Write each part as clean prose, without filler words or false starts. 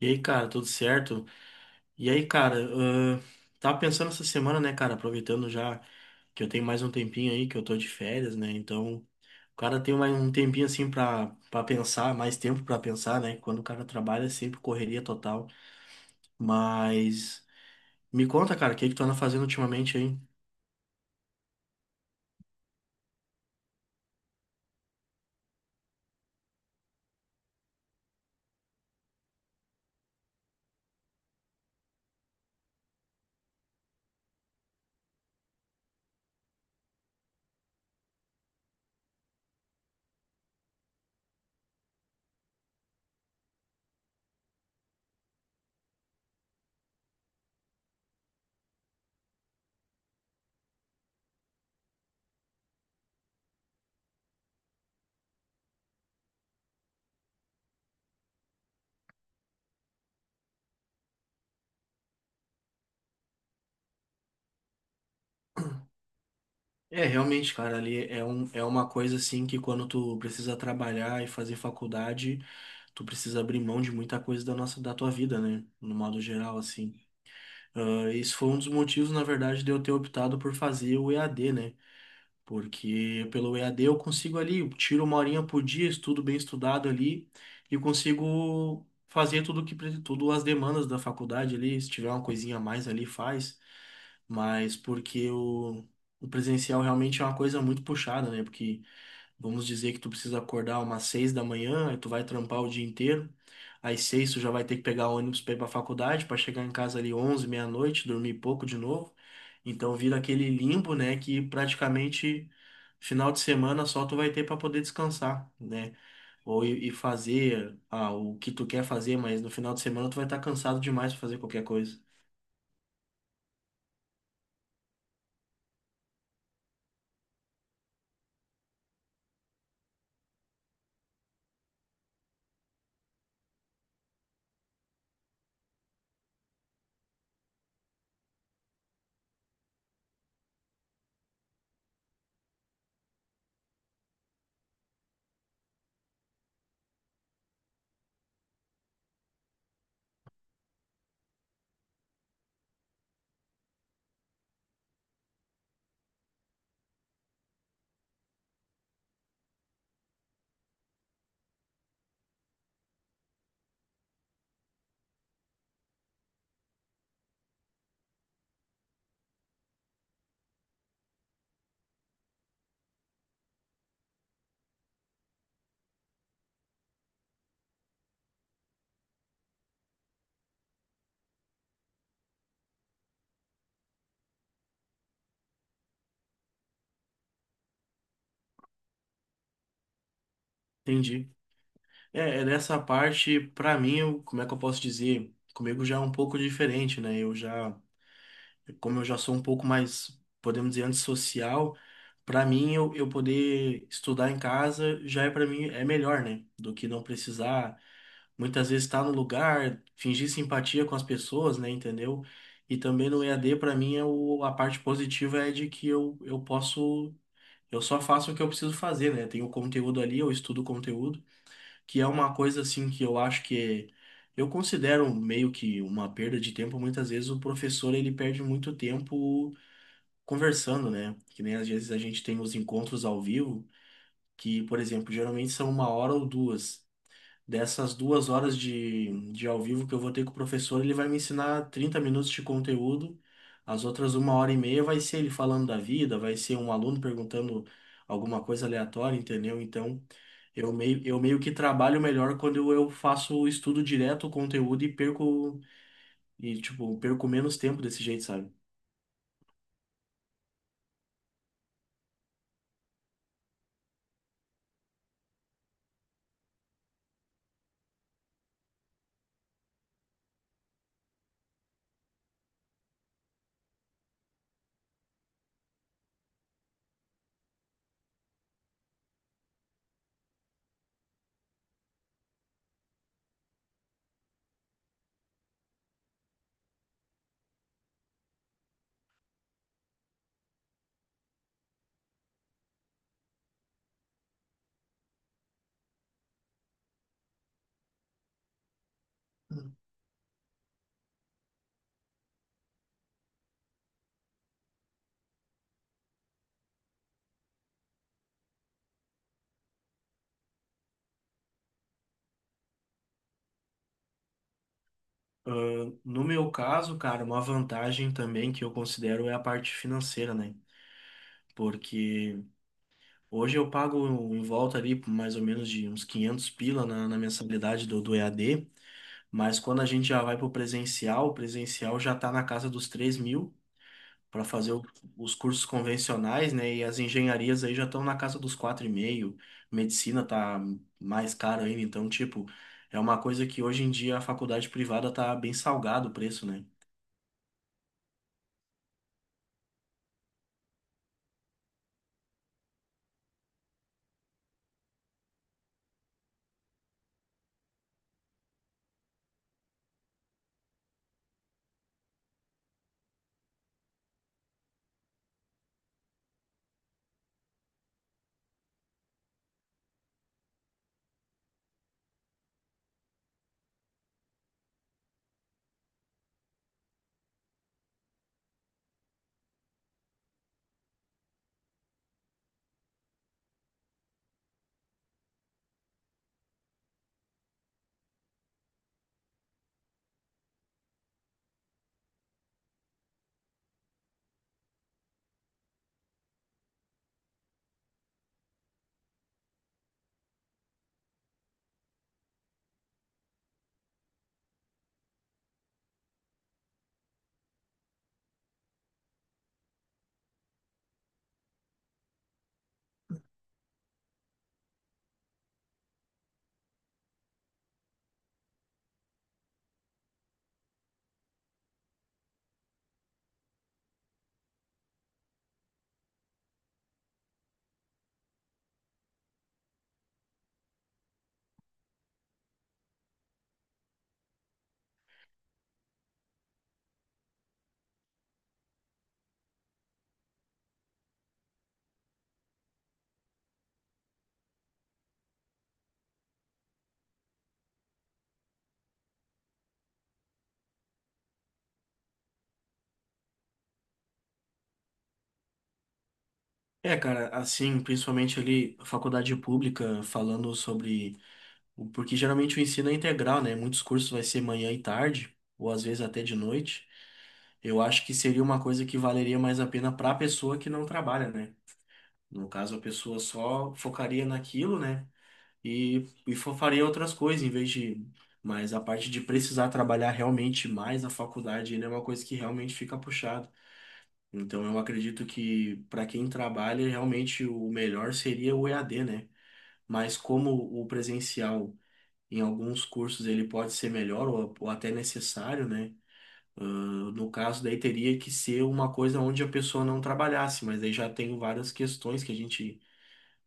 E aí, cara, tudo certo? E aí, cara, tava pensando essa semana, né, cara, aproveitando já que eu tenho mais um tempinho aí, que eu tô de férias, né? Então, o cara tem mais um tempinho assim pra pensar, mais tempo pra pensar, né? Quando o cara trabalha é sempre correria total. Mas me conta, cara, o que que tu anda fazendo ultimamente aí? É, realmente, cara, ali é uma coisa assim que quando tu precisa trabalhar e fazer faculdade, tu precisa abrir mão de muita coisa da nossa, da tua vida, né? No modo geral, assim. Ah, esse foi um dos motivos, na verdade, de eu ter optado por fazer o EAD, né? Porque pelo EAD eu consigo ali, eu tiro uma horinha por dia, estudo bem estudado ali e consigo fazer tudo as demandas da faculdade ali. Se tiver uma coisinha a mais ali, faz. Mas porque o presencial realmente é uma coisa muito puxada, né? Porque vamos dizer que tu precisa acordar umas 6 da manhã, aí tu vai trampar o dia inteiro. Às 6 tu já vai ter que pegar ônibus para ir para faculdade, para chegar em casa ali 11, meia-noite, dormir pouco de novo. Então vira aquele limbo, né, que praticamente final de semana só tu vai ter para poder descansar, né? Ou e fazer o que tu quer fazer, mas no final de semana tu vai estar cansado demais para fazer qualquer coisa. Entendi. É nessa parte, para mim, como é que eu posso dizer? Comigo já é um pouco diferente, né? Eu já como eu já sou um pouco mais, podemos dizer, antissocial, para mim eu poder estudar em casa já é, para mim é melhor, né? Do que não precisar muitas vezes estar no lugar, fingir simpatia com as pessoas, né, entendeu? E também no EAD para mim é o, a parte positiva é de que eu posso, eu só faço o que eu preciso fazer, né? Tem o conteúdo ali, eu estudo o conteúdo, que é uma coisa assim que eu acho que eu considero meio que uma perda de tempo. Muitas vezes o professor ele perde muito tempo conversando, né? Que nem às vezes a gente tem os encontros ao vivo, que, por exemplo, geralmente são uma hora ou duas. Dessas 2 horas de ao vivo que eu vou ter com o professor, ele vai me ensinar 30 minutos de conteúdo. As outras uma hora e meia vai ser ele falando da vida, vai ser um aluno perguntando alguma coisa aleatória, entendeu? Então, eu meio que trabalho melhor quando eu faço o estudo direto, o conteúdo, e perco, e, tipo, perco menos tempo desse jeito, sabe? Ah, no meu caso, cara, uma vantagem também que eu considero é a parte financeira, né? Porque hoje eu pago em volta ali por mais ou menos de uns 500 pila na mensalidade do EAD, mas quando a gente já vai para o presencial já está na casa dos 3 mil para fazer os cursos convencionais, né? E as engenharias aí já estão na casa dos quatro e meio, medicina tá mais caro ainda, então, tipo, é uma coisa que hoje em dia a faculdade privada tá bem salgado o preço, né? É, cara, assim, principalmente ali, a faculdade pública, falando sobre. Porque geralmente o ensino é integral, né? Muitos cursos vai ser manhã e tarde, ou às vezes até de noite. Eu acho que seria uma coisa que valeria mais a pena para a pessoa que não trabalha, né? No caso, a pessoa só focaria naquilo, né? Faria outras coisas, em vez de. Mas a parte de precisar trabalhar realmente mais na faculdade ainda é uma coisa que realmente fica puxado. Então, eu acredito que para quem trabalha, realmente o melhor seria o EAD, né? Mas como o presencial. Em alguns cursos ele pode ser melhor ou até necessário, né? No caso, daí teria que ser uma coisa onde a pessoa não trabalhasse, mas aí já tem várias questões que a gente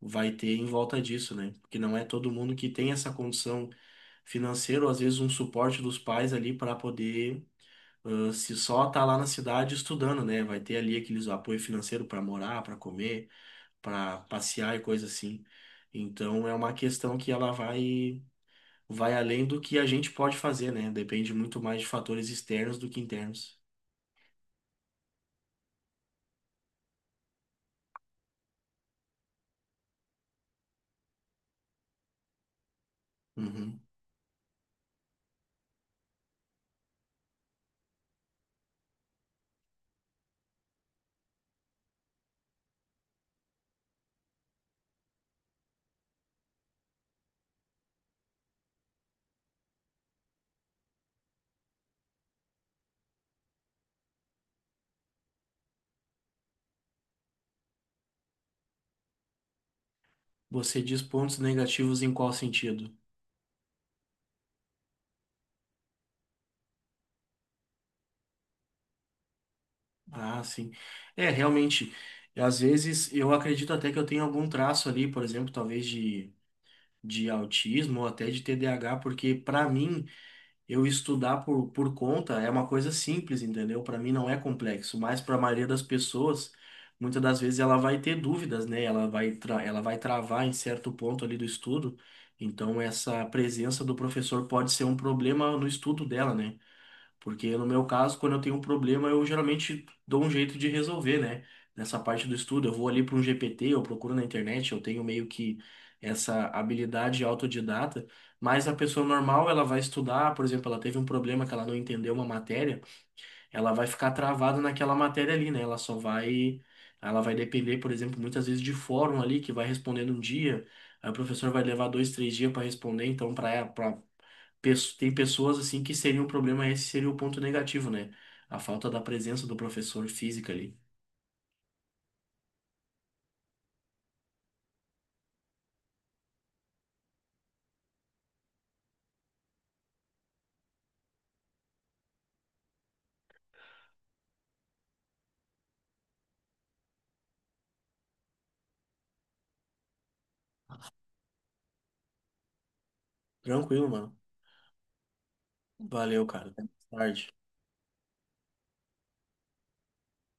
vai ter em volta disso, né? Porque não é todo mundo que tem essa condição financeira, ou às vezes um suporte dos pais ali para poder, se só tá lá na cidade estudando, né? Vai ter ali aqueles apoio financeiro para morar, para comer, para passear e coisa assim. Então é uma questão que ela vai além do que a gente pode fazer, né? Depende muito mais de fatores externos do que internos. Uhum. Você diz pontos negativos em qual sentido? Ah, sim. É, realmente, às vezes eu acredito até que eu tenho algum traço ali, por exemplo, talvez de autismo ou até de TDAH, porque para mim. Eu estudar por conta é uma coisa simples, entendeu? Para mim não é complexo, mas para a maioria das pessoas, muitas das vezes ela vai ter dúvidas, né? Ela vai travar em certo ponto ali do estudo. Então, essa presença do professor pode ser um problema no estudo dela, né? Porque no meu caso, quando eu tenho um problema, eu geralmente dou um jeito de resolver, né? Nessa parte do estudo, eu vou ali para um GPT, eu procuro na internet, eu tenho meio que essa habilidade autodidata. Mas a pessoa normal, ela vai estudar, por exemplo, ela teve um problema que ela não entendeu uma matéria, ela vai ficar travada naquela matéria ali, né? Ela vai depender, por exemplo, muitas vezes de fórum ali que vai respondendo um dia, aí o professor vai levar dois, três dias para responder, então para tem pessoas assim que seria um problema, esse seria o ponto negativo, né? A falta da presença do professor física ali. Tranquilo, mano. Valeu, cara. Até mais tarde.